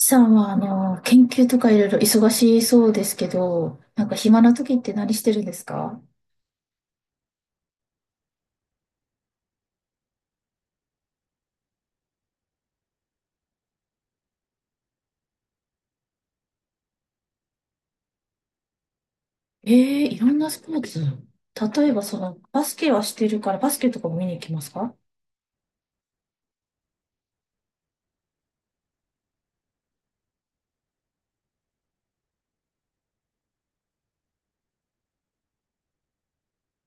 さんは、研究とかいろいろ忙しそうですけど、なんか暇な時って何してるんですか？ええー、いろんなスポーツ。例えば、バスケはしてるから、バスケとかも見に行きますか？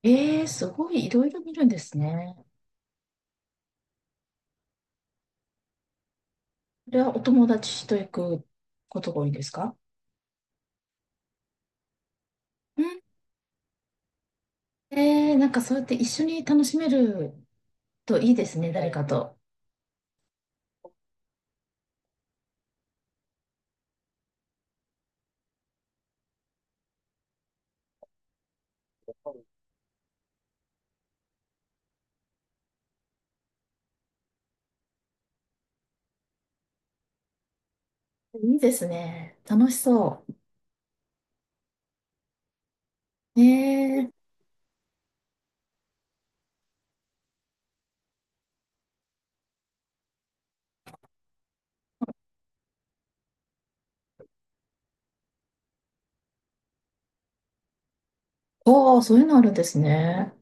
ええー、すごい、いろいろ見るんですね。それはお友達と行くことが多いんですか？うん、ええー、なんかそうやって一緒に楽しめるといいですね、誰かと。いいですね。楽しそう。ええー、ああ、そういうのあるんですね。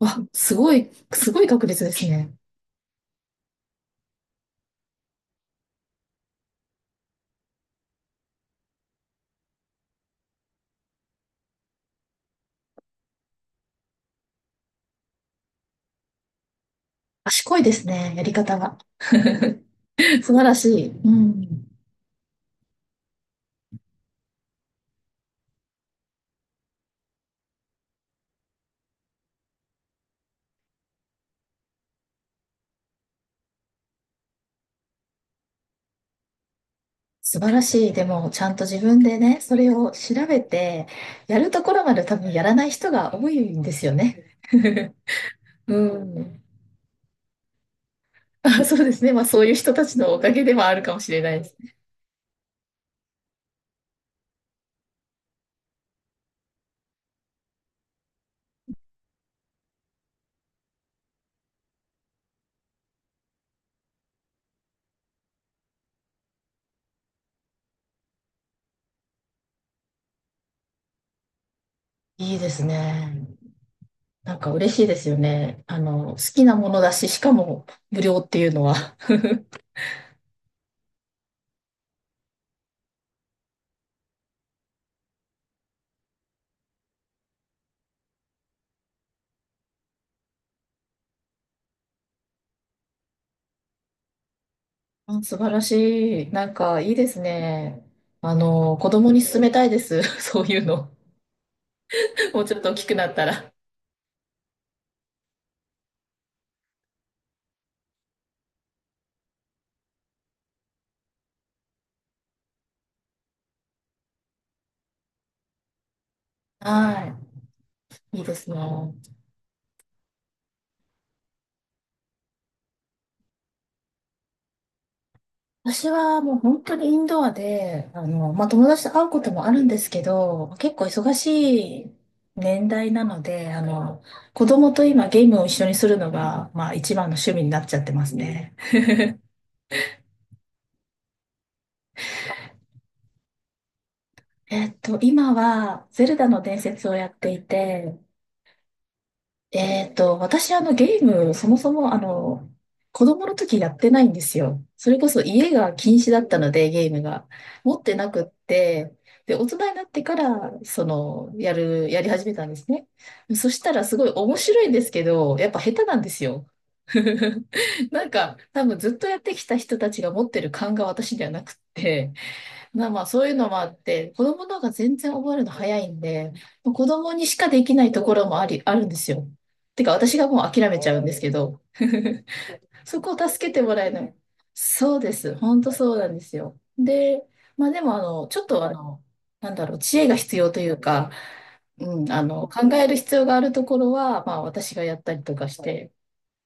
わ、すごい、すごい確率ですね。賢いですね、やり方が。素晴らしい。うん。素晴らしい。でも、ちゃんと自分でね、それを調べて、やるところまで多分やらない人が多いんですよね。うん。あ、そうですね。まあ、そういう人たちのおかげではあるかもしれないです。いいですね。なんか嬉しいですよね。好きなものだし、しかも無料っていうのは。あ、素晴らしい。なんかいいですね。子供に勧めたいです。そういうの。もうちょっと大きくなったら。はい。いいですね。私はもう本当にインドアで、まあ、友達と会うこともあるんですけど、結構忙しい年代なので、子供と今ゲームを一緒にするのが、まあ、一番の趣味になっちゃってますね。えっと、今は、ゼルダの伝説をやっていて、えっと、私、ゲーム、そもそも、子供の時やってないんですよ。それこそ家が禁止だったので、ゲームが。持ってなくって、で、大人になってから、その、やり始めたんですね。そしたら、すごい面白いんですけど、やっぱ下手なんですよ。なんか、多分ずっとやってきた人たちが持ってる感が私ではなくって、まあまあ、そういうのもあって、子供の方が全然覚えるの早いんで、子供にしかできないところもあり、あるんですよ。てか、私がもう諦めちゃうんですけど、そこを助けてもらえない。そうです。本当そうなんですよ。で、まあでも、ちょっとなんだろう、知恵が必要というか、うん、考える必要があるところは、まあ私がやったりとかして、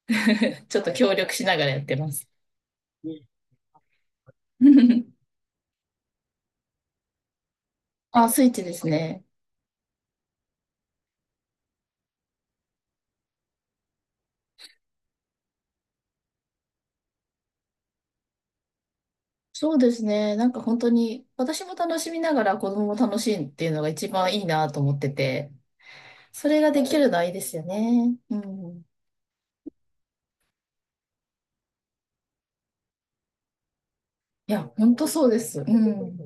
ちょっと協力しながらやってます。あ、スイッチですね。そうですね。なんか本当に、私も楽しみながら子供も楽しいっていうのが一番いいなと思ってて、それができるのはいいですよね。うん。いや、本当そうです。うん。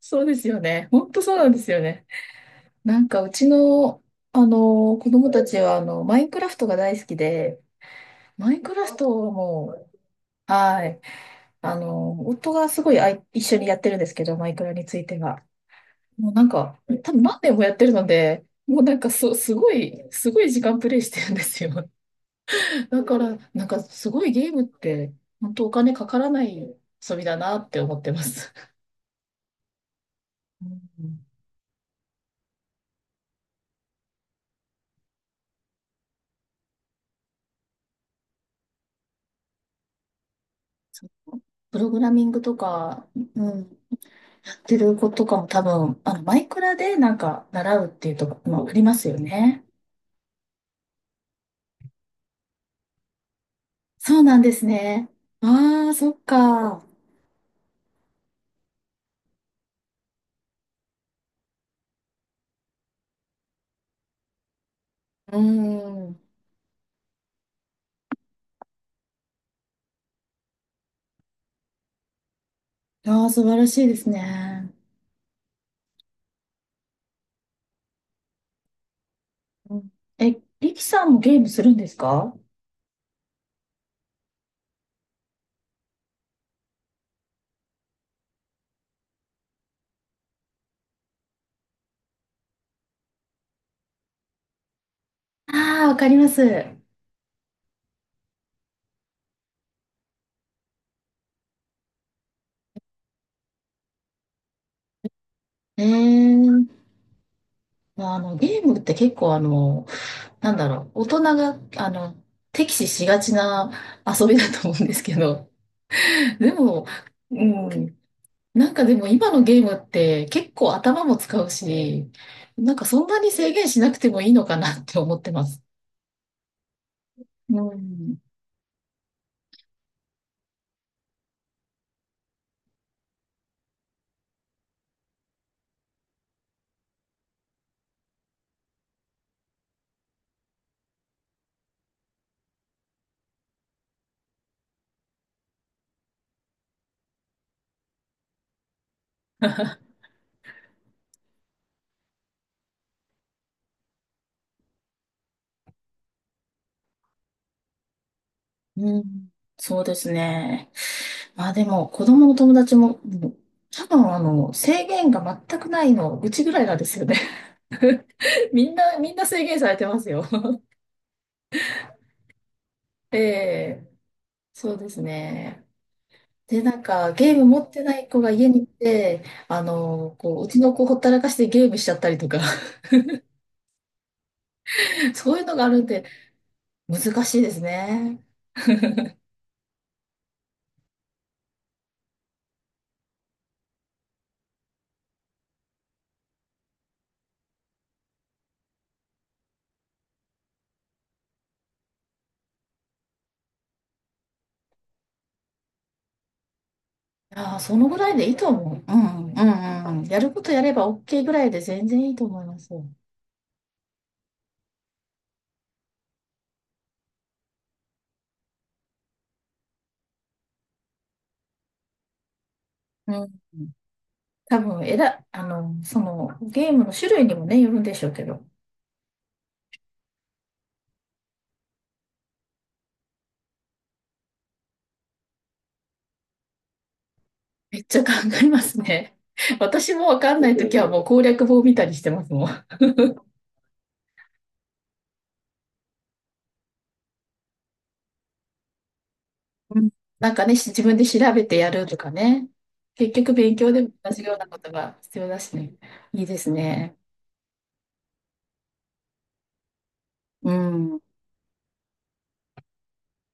そうですよね。本当そうなんですよね。なんかうちの、子供たちは、マインクラフトが大好きで、マインクラフトはもう、はい。夫がすごい一緒にやってるんですけど、マイクラについては。もうなんか、多分何年もやってるので、もうなんかす、すごい、すごい時間プレイしてるんですよ。だから、なんかすごいゲームって、本当お金かからない遊びだなって思ってます。うん、そう、プログラミングとか、うん、やってる子とかも多分、マイクラでなんか習うっていうとこもありますよね。そうなんですね。ああ、そっか。うん。ああ、素晴らしいですね。うん、え、リキさんもゲームするんですか？ああ、わかります。ええ、まあ、ゲームって結構なんだろう、大人が、敵視しがちな遊びだと思うんですけど、でも、うん、なんかでも今のゲームって結構頭も使うし、なんかそんなに制限しなくてもいいのかなって思ってます。うん、うん、そうですね。まあでも、子供の友達も、うん、多分制限が全くないの、うちぐらいなんですよね。みんな制限されてますよ。ええ、そうですね。で、なんか、ゲーム持ってない子が家に行って、こう、うちの子ほったらかしてゲームしちゃったりとか、そういうのがあるんで、難しいですね。ああ、そのぐらいでいいと思う。うん、うん、うん。うん、やることやれば OK ぐらいで全然いいと思います。うん。多分、ゲームの種類にもね、よるんでしょうけど、めっちゃ考えますね。私もわかんないときはもう攻略法見たりしてますもん。うん、なんかね、自分で調べてやるとかね。結局勉強でも同じようなことが必要だしね。いいですね。うん。